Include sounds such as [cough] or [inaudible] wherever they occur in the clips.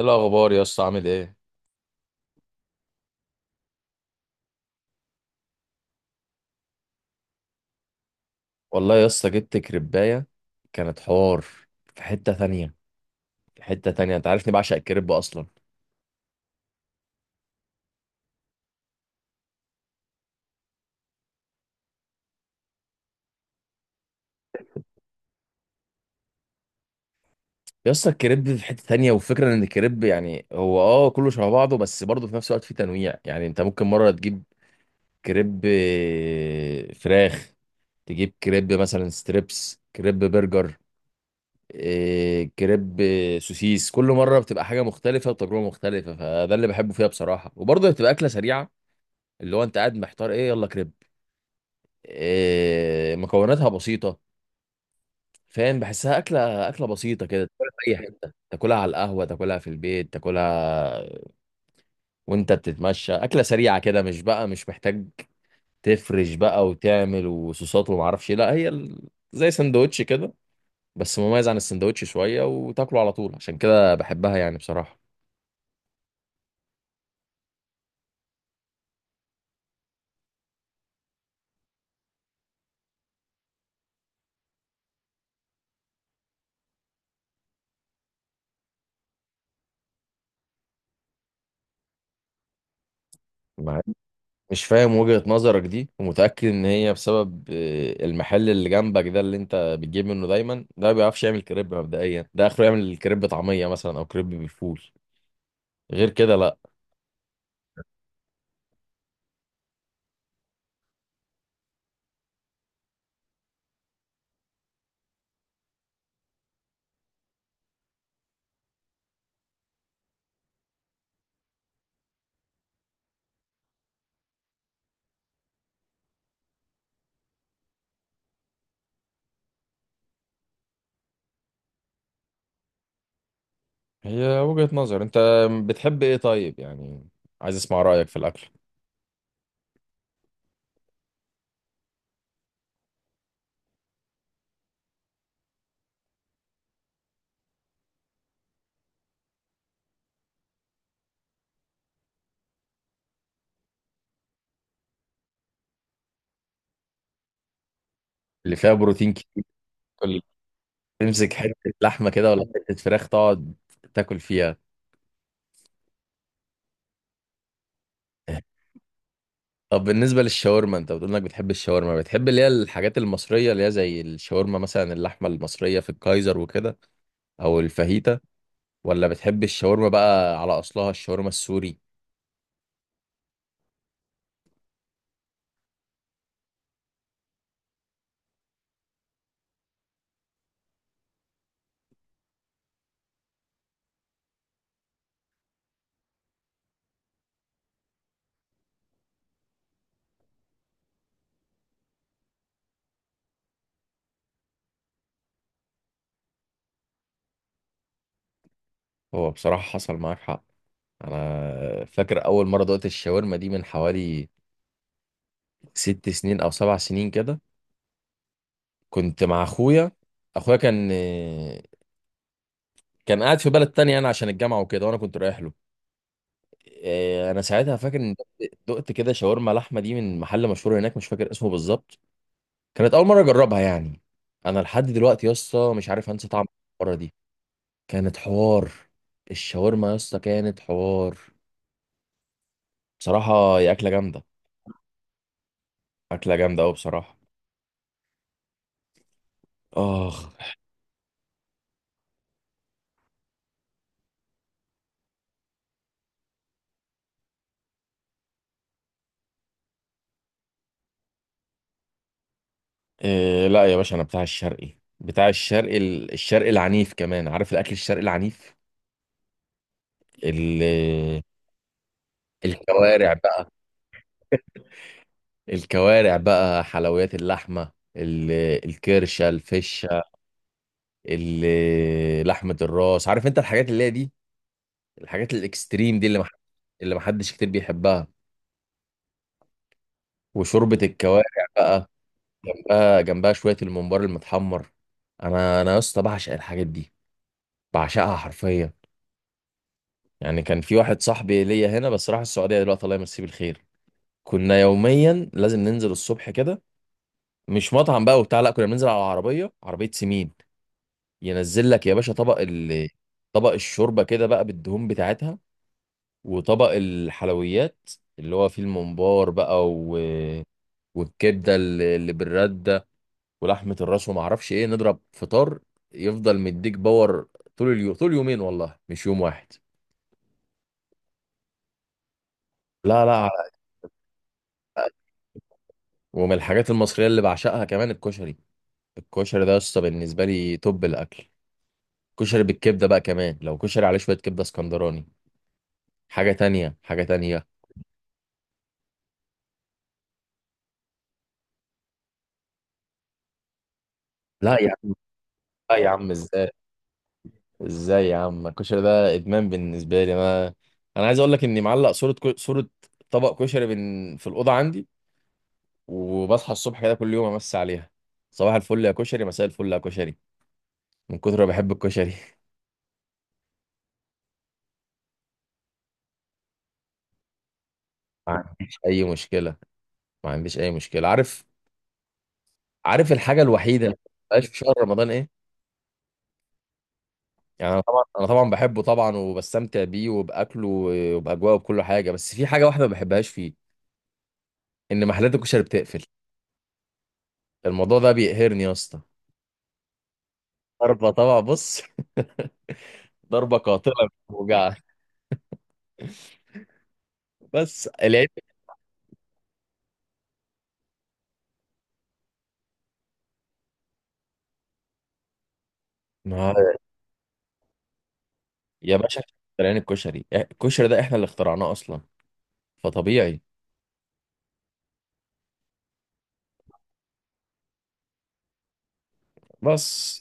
ايه الاخبار يا اسطى؟ عامل ايه؟ والله يا اسطى جبت كريبايه كانت حوار في حته تانية. في حته تانية انت عارفني بعشق الكريب اصلا. يا اسطى الكريب في حته تانية، والفكره ان الكريب يعني هو كله شبه بعضه، بس برضه في نفس الوقت في تنويع. يعني انت ممكن مره تجيب كريب فراخ، تجيب كريب مثلا ستريبس، كريب برجر، كريب سوسيس. كل مره بتبقى حاجه مختلفه وتجربه مختلفه، فده اللي بحبه فيها بصراحه. وبرضه بتبقى اكله سريعه، اللي هو انت قاعد محتار ايه؟ يلا كريب. مكوناتها بسيطه، فاهم. بحسها اكله بسيطه كده، تاكلها في اي حته، تاكلها على القهوه، تاكلها في البيت، تاكلها وانت بتتمشى. اكله سريعه كده، مش بقى مش محتاج تفرش بقى وتعمل وصوصات وما اعرفش إيه. لا هي زي سندوتش كده، بس مميز عن السندوتش شويه، وتاكله على طول، عشان كده بحبها يعني بصراحه. مش فاهم وجهة نظرك دي، ومتأكد ان هي بسبب المحل اللي جنبك ده اللي انت بتجيب منه دايما، ده ما بيعرفش يعمل كريب مبدئيا. ده اخره يعمل كريب طعمية مثلا، او كريب بالفول، غير كده لا. هي وجهة نظر. انت بتحب ايه طيب يعني؟ عايز اسمع رأيك في الاكل اللي فيها بروتين كتير، اللي تمسك حتة لحمة كده، ولا حتة فراخ تقعد تاكل فيها. طب بالنسبة للشاورما، انت بتقول انك بتحب الشاورما. بتحب اللي هي الحاجات المصرية، اللي هي زي الشاورما مثلا، اللحمة المصرية في الكايزر وكده، او الفاهيتا؟ ولا بتحب الشاورما بقى على اصلها، الشاورما السوري؟ هو بصراحة حصل معاك حق. انا فاكر اول مرة دقت الشاورما دي من حوالي 6 سنين او 7 سنين كده. كنت مع اخويا، اخويا كان كان قاعد في بلد تانية انا، عشان الجامعة وكده، وانا كنت رايح له. انا ساعتها فاكر ان دقت كده شاورما لحمة دي من محل مشهور هناك، مش فاكر اسمه بالظبط. كانت اول مرة اجربها يعني. انا لحد دلوقتي يا اسطى مش عارف انسى طعم المرة دي. كانت حوار. الشاورما يا اسطى كانت حوار. بصراحة هي أكلة جامدة، أكلة جامدة أوي بصراحة. آخ. إيه لا يا باشا، أنا بتاع الشرقي، بتاع الشرقي، الشرقي العنيف كمان. عارف الأكل الشرقي العنيف؟ ال- الكوارع بقى، حلويات اللحمة، الكرشة، الفشة، لحمة الراس. عارف أنت الحاجات اللي هي دي، الحاجات الإكستريم دي، اللي محدش كتير بيحبها، وشوربة الكوارع بقى، آه جنبها شويه الممبار المتحمر. انا يا اسطى بعشق الحاجات دي، بعشقها حرفيا. يعني كان في واحد صاحبي ليا هنا بس راح السعوديه دلوقتي، الله يمسيه بالخير، كنا يوميا لازم ننزل الصبح كده. مش مطعم بقى وبتاع، لا، كنا بننزل على عربيه، عربيه سمين. ينزل لك يا باشا طبق الشوربه كده بقى بالدهون بتاعتها، وطبق الحلويات اللي هو فيه الممبار بقى و... والكبده اللي بالرده، ولحمه الراس، وما اعرفش ايه. نضرب فطار يفضل مديك باور طول اليوم، طول يومين، والله مش يوم واحد. لا لا. على ومن الحاجات المصريه اللي بعشقها كمان الكشري. الكشري ده يا اسطى بالنسبه لي توب الاكل. كشري بالكبده بقى، كمان لو كشري عليه شويه كبده اسكندراني، حاجه تانية، حاجه تانية. لا يا عم، لا يا عم ازاي، ازاي يا عم؟ الكشري ده ادمان بالنسبه لي انا. انا عايز اقول لك اني معلق صوره صوره طبق كشري في الاوضه عندي، وبصحى الصبح كده كل يوم امسي عليها: صباح الفل يا كشري، مساء الفل يا كشري، من كتر ما بحب الكشري [laughs] ما عنديش اي مشكله، ما عنديش اي مشكله. عارف، عارف الحاجه الوحيده اللي ما بتبقاش في شهر رمضان ايه؟ يعني انا طبعا، انا طبعا بحبه طبعا وبستمتع بيه وباكله وباجواءه وبكل حاجه، بس في حاجه واحده ما بحبهاش فيه، ان محلات الكشري بتقفل. الموضوع ده بيقهرني يا اسطى. ضربه طبعا، بص [laughs] ضربه قاتله، وجع. بس العيب ما- يا باشا، اخترعين الكشري، الكشري ده احنا اللي اخترعناه اصلا، فطبيعي. بس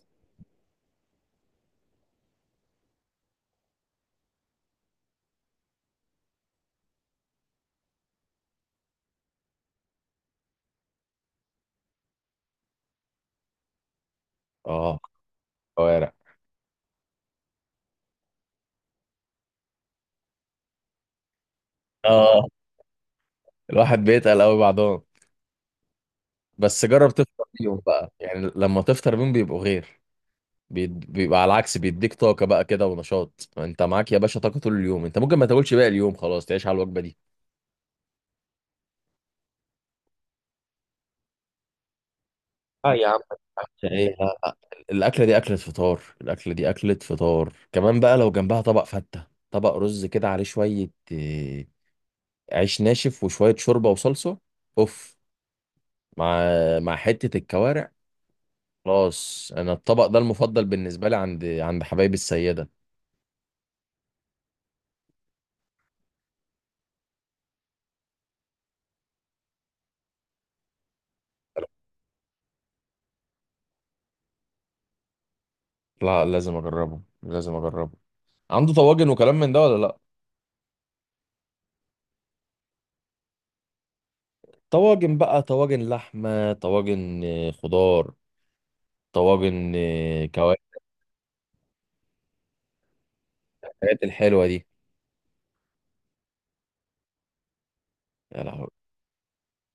اه كوارع، اه الواحد بيتقل قوي بعضهم، بس جرب تفطر بيهم بقى يعني، لما تفطر بيهم بيبقوا غير. بيبقى على العكس، بيديك طاقة بقى كده ونشاط، انت معاك يا باشا طاقة طول اليوم، انت ممكن ما تاكلش باقي اليوم خلاص، تعيش على الوجبة دي. اه يا عم، ايه لا، الاكله دي اكله فطار، الاكله دي اكله فطار كمان بقى. لو جنبها طبق فته، طبق رز كده عليه شويه عيش ناشف وشويه شوربه وصلصه، اوف، مع مع حته الكوارع، خلاص. انا الطبق ده المفضل بالنسبه لي عند حبايبي السيده. لا لازم اجربه، لازم اجربه. عنده طواجن وكلام من ده ولا لا؟ طواجن بقى، طواجن لحمه، طواجن خضار، طواجن كوارع، الحاجات الحلوه دي. يا لهوي.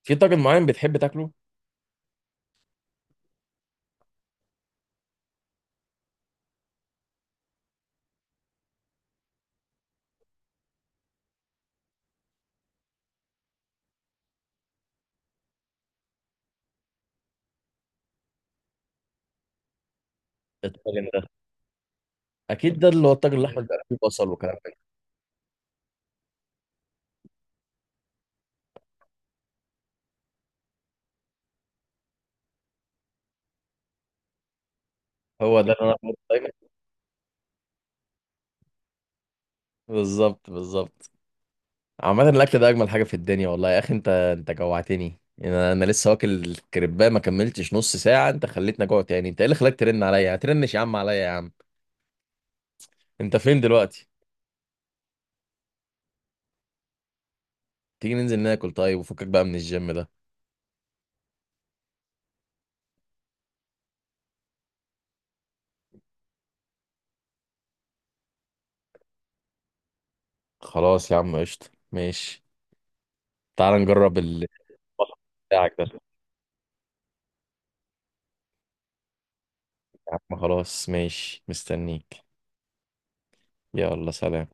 في طاجن معين بتحب تاكله؟ الطاجن ده اكيد ده اللي هو الطاجن الاحمر بقى، فيه بصل وكلام من ده. هو ده اللي انا باكله دايما. بالظبط، بالظبط. عامة الأكل ده أجمل حاجة في الدنيا والله، يا أخي أنت، جوعتني. أنا لسه واكل الكريباه ما كملتش نص ساعة، أنت خليتني أجوع تاني. أنت إيه اللي خلاك ترن عليا؟ هترنش يا عم عليا يا عم. أنت فين دلوقتي؟ تيجي ننزل ناكل طيب، وفكك بقى من الجيم ده. خلاص يا عم قشطة، ماشي. تعال نجرب ال بتاعك ده. يا عم خلاص، ماشي، مستنيك. يلا سلام.